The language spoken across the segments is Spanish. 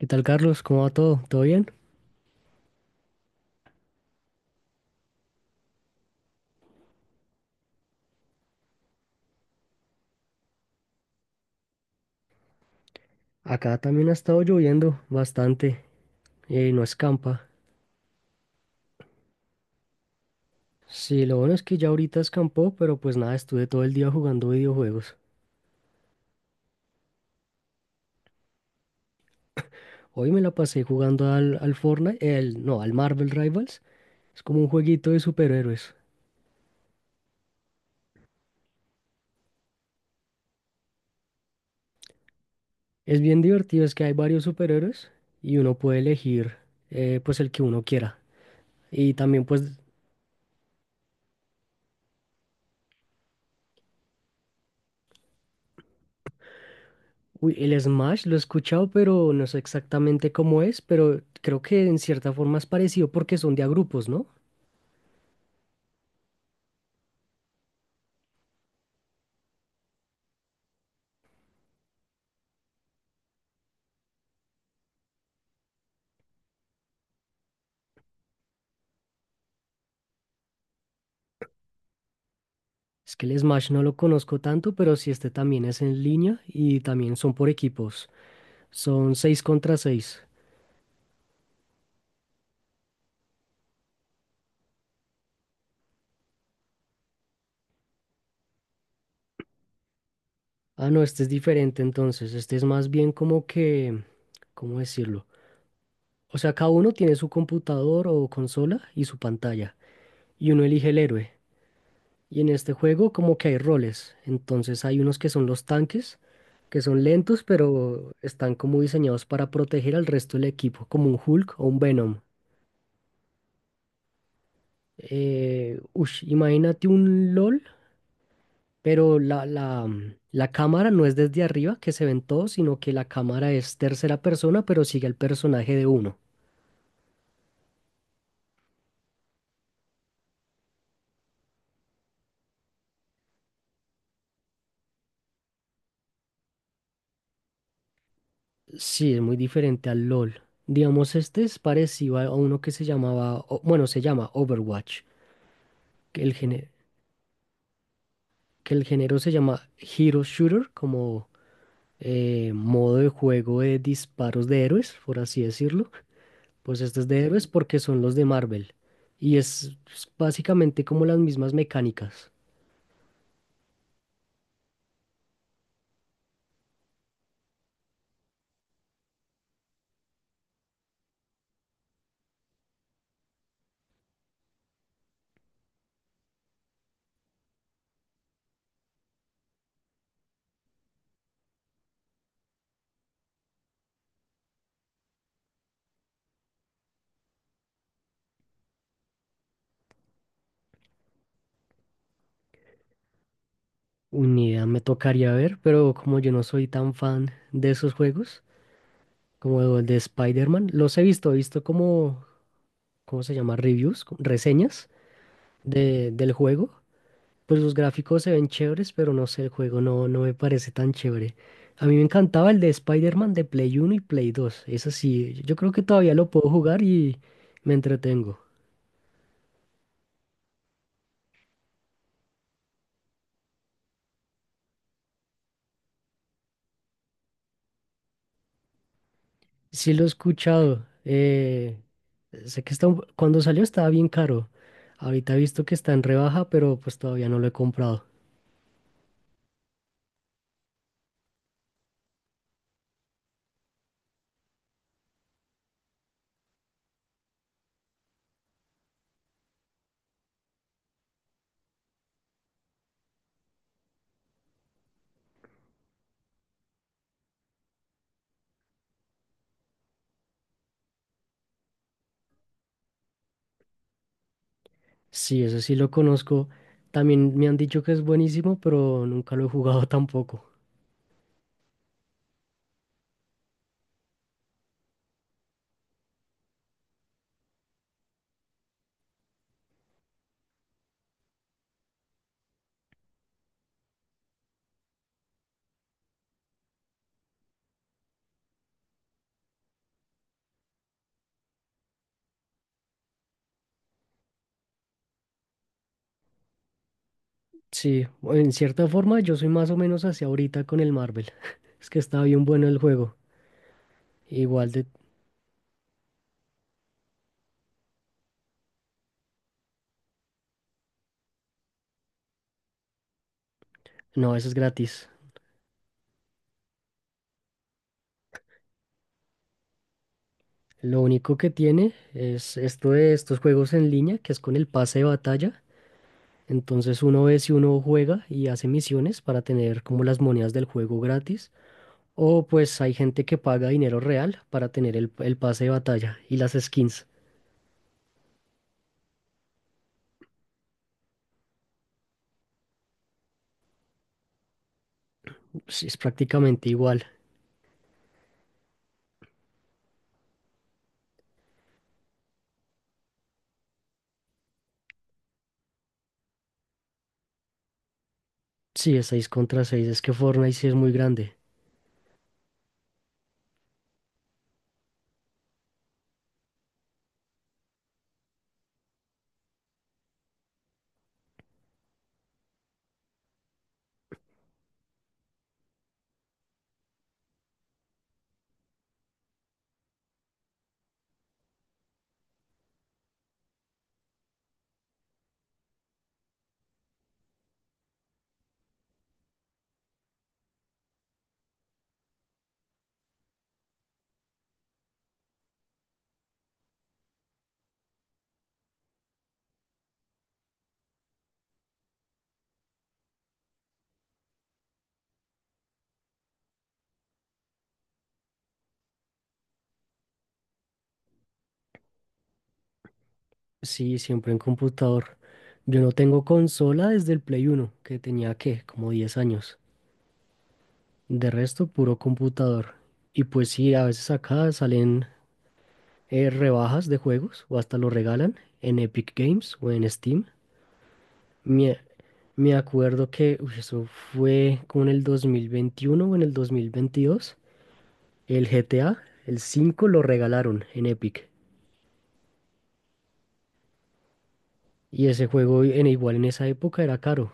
¿Qué tal, Carlos? ¿Cómo va todo? ¿Todo bien? Acá también ha estado lloviendo bastante, no escampa. Sí, lo bueno es que ya ahorita escampó, pero pues nada, estuve todo el día jugando videojuegos. Hoy me la pasé jugando al, al Fortnite, el, no, al Marvel Rivals. Es como un jueguito de superhéroes. Es bien divertido, es que hay varios superhéroes y uno puede elegir, pues el que uno quiera. Y también pues uy, el Smash lo he escuchado, pero no sé exactamente cómo es, pero creo que en cierta forma es parecido porque son de a grupos, ¿no? Es que el Smash no lo conozco tanto, pero sí este también es en línea y también son por equipos. Son 6 contra 6. Ah, no, este es diferente entonces. Este es más bien como que, ¿cómo decirlo? O sea, cada uno tiene su computador o consola y su pantalla y uno elige el héroe. Y en este juego como que hay roles. Entonces hay unos que son los tanques, que son lentos, pero están como diseñados para proteger al resto del equipo, como un Hulk o un Venom. Ush, imagínate un LOL, pero la cámara no es desde arriba que se ven todos, sino que la cámara es tercera persona, pero sigue al personaje de uno. Sí, es muy diferente al LOL. Digamos, este es parecido a uno que se llamaba, o- bueno, se llama Overwatch, que el género. Que el género se llama Hero Shooter, como, modo de juego de disparos de héroes, por así decirlo. Pues este es de héroes porque son los de Marvel. Y es básicamente como las mismas mecánicas. Ni idea, me tocaría ver, pero como yo no soy tan fan de esos juegos, como el de Spider-Man, los he visto como, ¿cómo se llama? Reviews, co- reseñas del juego. Pues los gráficos se ven chéveres, pero no sé, el juego no, no me parece tan chévere. A mí me encantaba el de Spider-Man de Play Uno y Play Dos. Es así, yo creo que todavía lo puedo jugar y me entretengo. Sí, lo he escuchado. Sé que está, un- cuando salió estaba bien caro. Ahorita he visto que está en rebaja, pero pues todavía no lo he comprado. Sí, eso sí lo conozco. También me han dicho que es buenísimo, pero nunca lo he jugado tampoco. Sí, en cierta forma yo soy más o menos hacia ahorita con el Marvel. Es que está bien bueno el juego. Igual de... No, eso es gratis. Lo único que tiene es esto de estos juegos en línea, que es con el pase de batalla. Entonces uno ve si uno juega y hace misiones para tener como las monedas del juego gratis. O pues hay gente que paga dinero real para tener el pase de batalla y las skins. Sí, es prácticamente igual. Sí, es 6 contra 6. Es que Fortnite sí es muy grande. Sí, siempre en computador. Yo no tengo consola desde el Play Uno que tenía, ¿qué? Como 10 años. De resto, puro computador. Y pues sí, a veces acá salen, rebajas de juegos o hasta lo regalan en Epic Games o en Steam. Me, me acuerdo que uy, eso fue como en el 2021 o en el 2022. El GTA, el 5 lo regalaron en Epic. Y ese juego en igual en esa época era caro.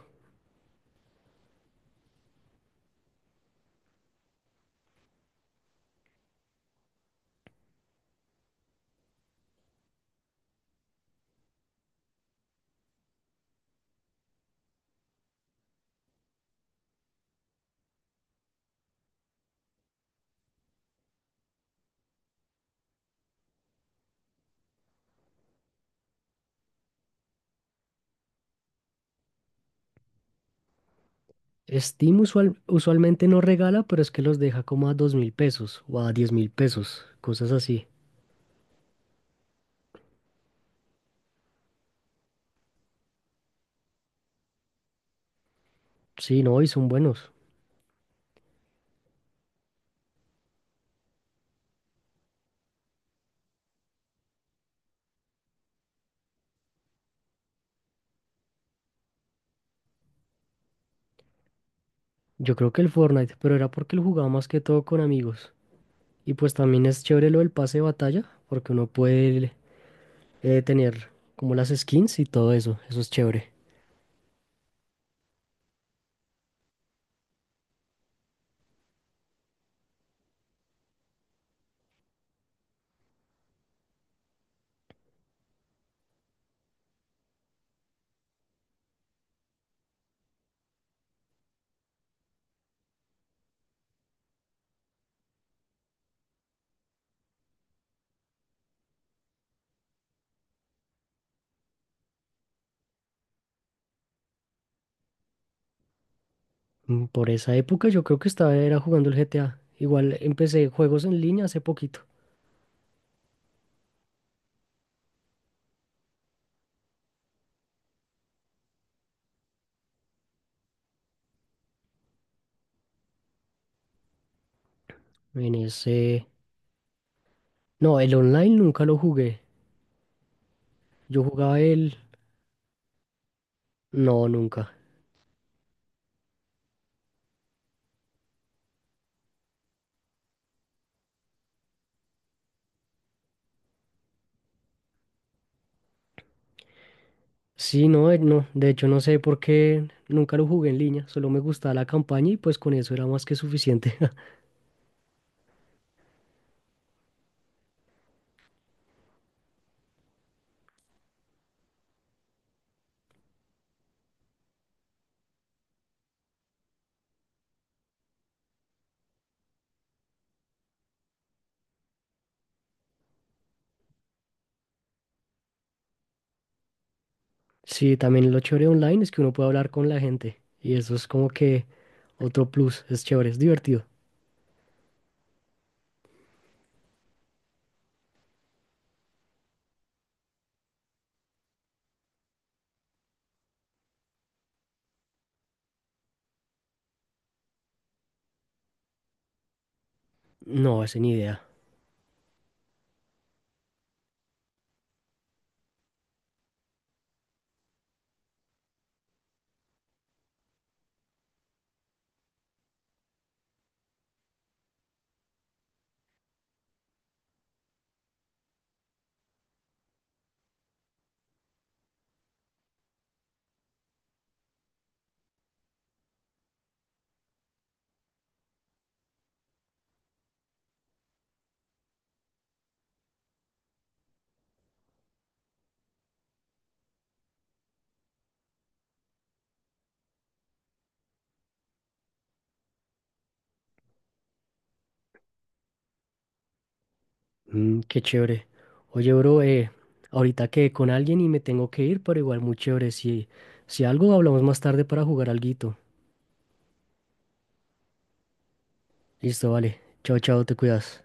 Steam usual- usualmente no regala, pero es que los deja como a 2000 pesos o a 10.000 pesos, cosas así. Sí, no, y son buenos. Yo creo que el Fortnite, pero era porque lo jugaba más que todo con amigos. Y pues también es chévere lo del pase de batalla, porque uno puede, tener como las skins y todo eso. Eso es chévere. Mm, por esa época yo creo que estaba era jugando el GTA. Igual empecé juegos en línea hace poquito. En ese... No, el online nunca lo jugué. Yo jugaba el... No, nunca. Sí, no, no, de hecho no sé por qué nunca lo jugué en línea, solo me gustaba la campaña y pues con eso era más que suficiente. Sí, también lo chévere online es que uno puede hablar con la gente y eso es como que otro plus, es chévere, es divertido. No, ese ni idea. Mm, qué chévere. Oye, bro, ahorita quedé con alguien y me tengo que ir, pero igual muy chévere. Si, si algo hablamos más tarde para jugar alguito. Listo, vale. Chao, chao, te cuidas.